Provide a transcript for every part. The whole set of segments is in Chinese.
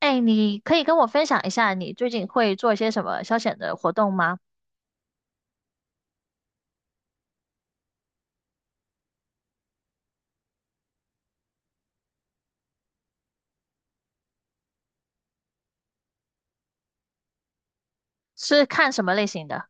哎，你可以跟我分享一下你最近会做一些什么消遣的活动吗？是看什么类型的？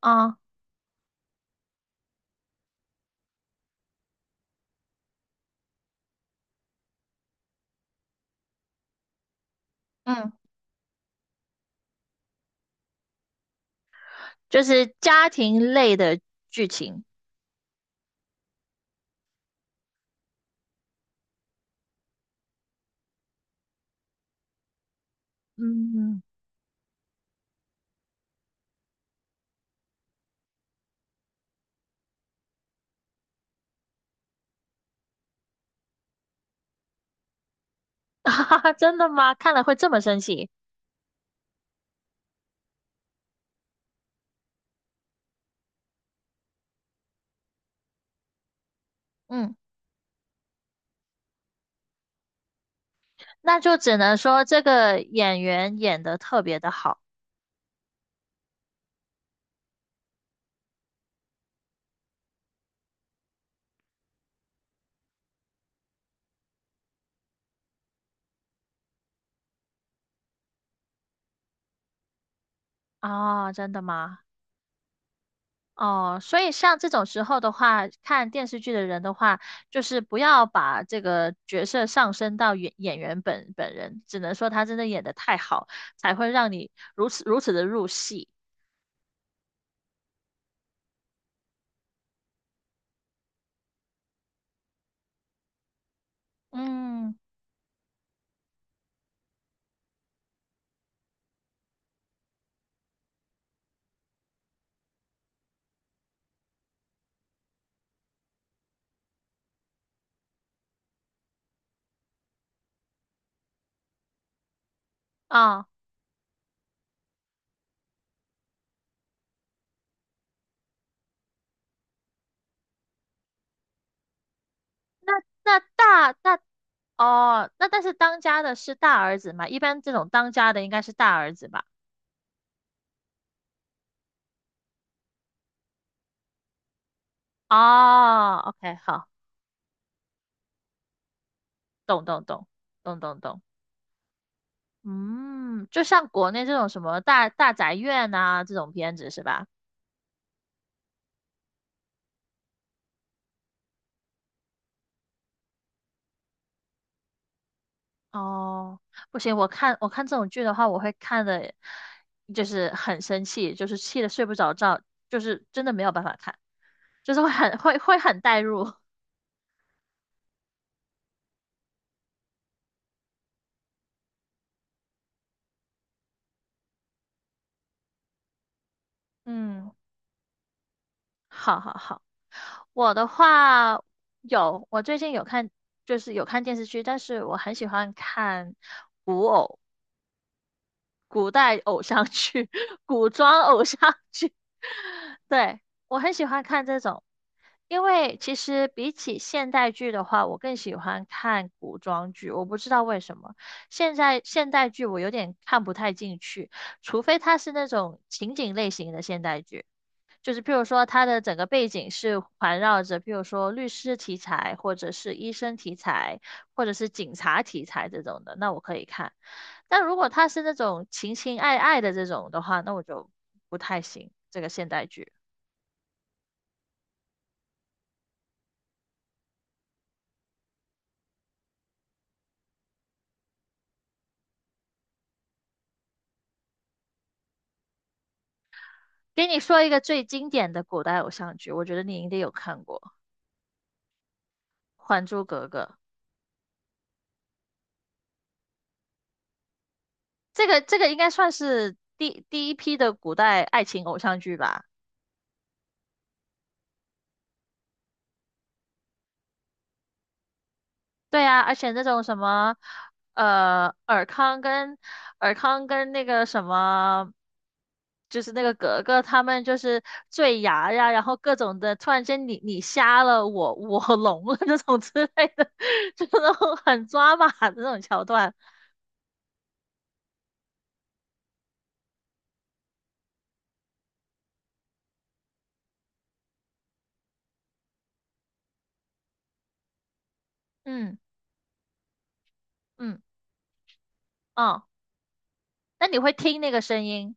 啊。嗯。就是家庭类的剧情。嗯。哈哈，真的吗？看了会这么生气？嗯。那就只能说这个演员演的特别的好。啊，真的吗？哦，所以像这种时候的话，看电视剧的人的话，就是不要把这个角色上升到演员本人，只能说他真的演的太好，才会让你如此的入戏。嗯。啊，那那大那哦，那但是当家的是大儿子嘛，一般这种当家的应该是大儿子吧？哦，OK，好。懂懂懂。懂懂懂。嗯，就像国内这种什么大宅院啊这种片子是吧？哦，不行，我看这种剧的话，我会看的，就是很生气，就是气的睡不着觉，就是真的没有办法看，就是会很代入。嗯，好好好。我的话有，我最近有看，就是有看电视剧，但是我很喜欢看。古偶。古代偶像剧、古装偶像剧。对，我很喜欢看这种，因为其实比起现代剧的话，我更喜欢看古装剧。我不知道为什么，现代剧我有点看不太进去，除非它是那种情景类型的现代剧。就是譬如说，它的整个背景是环绕着，譬如说律师题材，或者是医生题材，或者是警察题材这种的，那我可以看。但如果它是那种情爱的这种的话，那我就不太行。这个现代剧，给你说一个最经典的古代偶像剧，我觉得你应该有看过《还珠格格》。这个这个应该算是第一批的古代爱情偶像剧吧。对呀，而且那种什么，尔康跟尔康跟那个什么，就是那个格格他们就是坠崖呀，然后各种的，突然间你瞎了，我聋了那种之类的，就那种很抓马的那种桥段。嗯。嗯。哦，那你会听那个声音。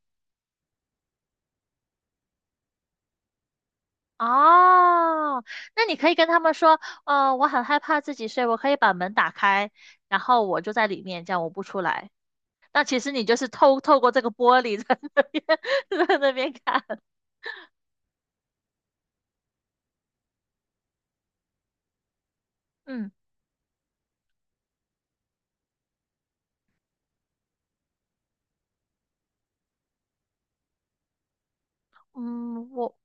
哦？那你可以跟他们说，我很害怕自己睡，我可以把门打开，然后我就在里面，这样我不出来。那其实你就是透过这个玻璃 在那边 在那边看。嗯。嗯，我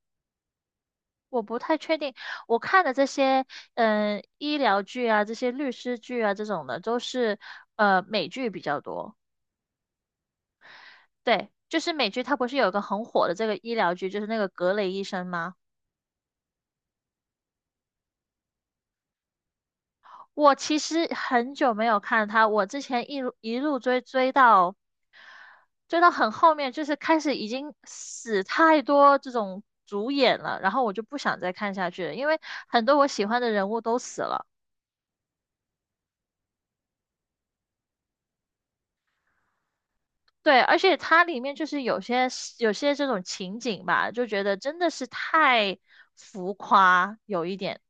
我不太确定，我看的这些医疗剧啊，这些律师剧啊这种的，都是美剧比较多。对，就是美剧它不是有一个很火的这个医疗剧，就是那个格雷医生吗？我其实很久没有看它，我之前一路追到追到很后面，就是开始已经死太多这种主演了，然后我就不想再看下去了，因为很多我喜欢的人物都死了。对，而且它里面就是有些这种情景吧，就觉得真的是太浮夸，有一点。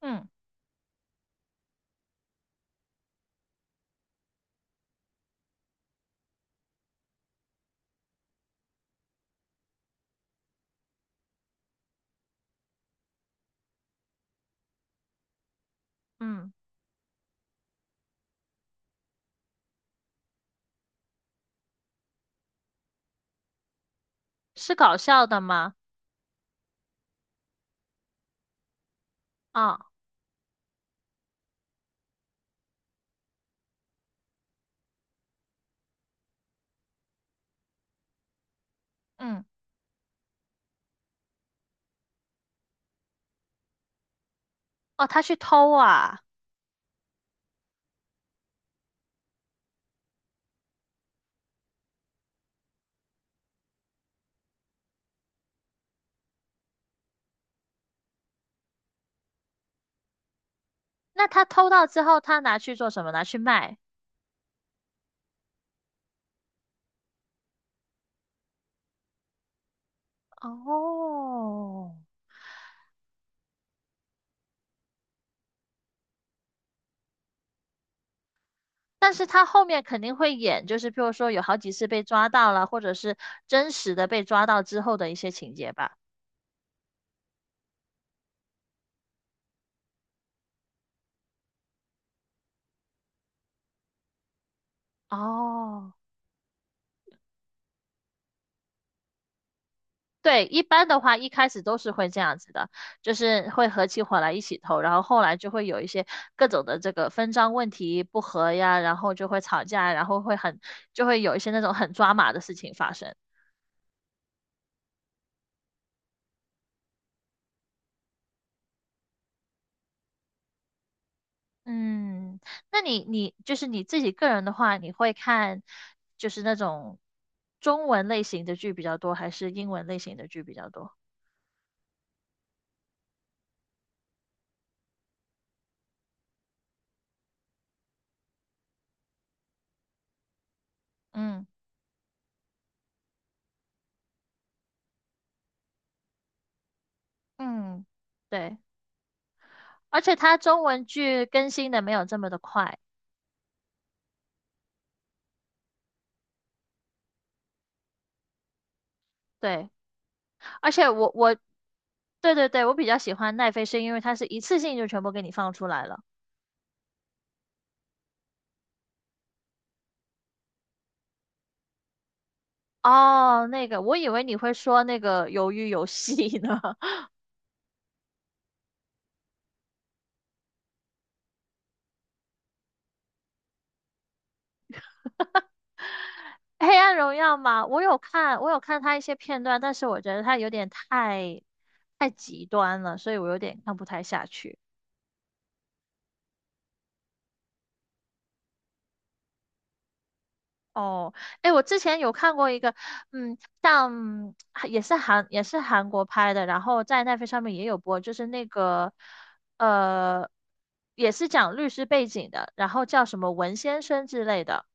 嗯。嗯，是搞笑的吗？啊。嗯。哦，他去偷啊。那他偷到之后，他拿去做什么？拿去卖。哦，但是他后面肯定会演，就是譬如说有好几次被抓到了，或者是真实的被抓到之后的一些情节吧。哦，对，一般的话一开始都是会这样子的，就是会合起伙来一起投，然后后来就会有一些各种的这个分赃问题不和呀，然后就会吵架，然后会很，就会有一些那种很抓马的事情发生。嗯，那你就是你自己个人的话，你会看就是那种中文类型的剧比较多，还是英文类型的剧比较多？嗯。嗯，对，而且它中文剧更新的没有这么的快。对，而且我对，我比较喜欢奈飞，是因为它是一次性就全部给你放出来了。哦，那个，我以为你会说那个《鱿鱼游戏》呢。黑暗荣耀嘛，我有看，我有看他一些片段，但是我觉得他有点太极端了，所以我有点看不太下去。哦，哎，我之前有看过一个，嗯，像也是韩国拍的，然后在奈飞上面也有播，就是那个呃，也是讲律师背景的，然后叫什么文先生之类的。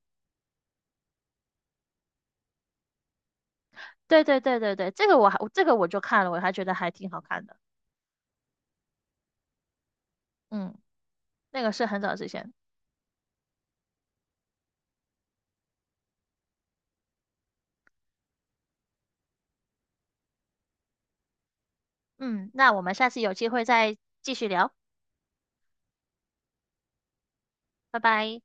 对，这个我还这个我就看了，我还觉得还挺好看的。嗯，那个是很早之前。嗯，那我们下次有机会再继续聊。拜拜。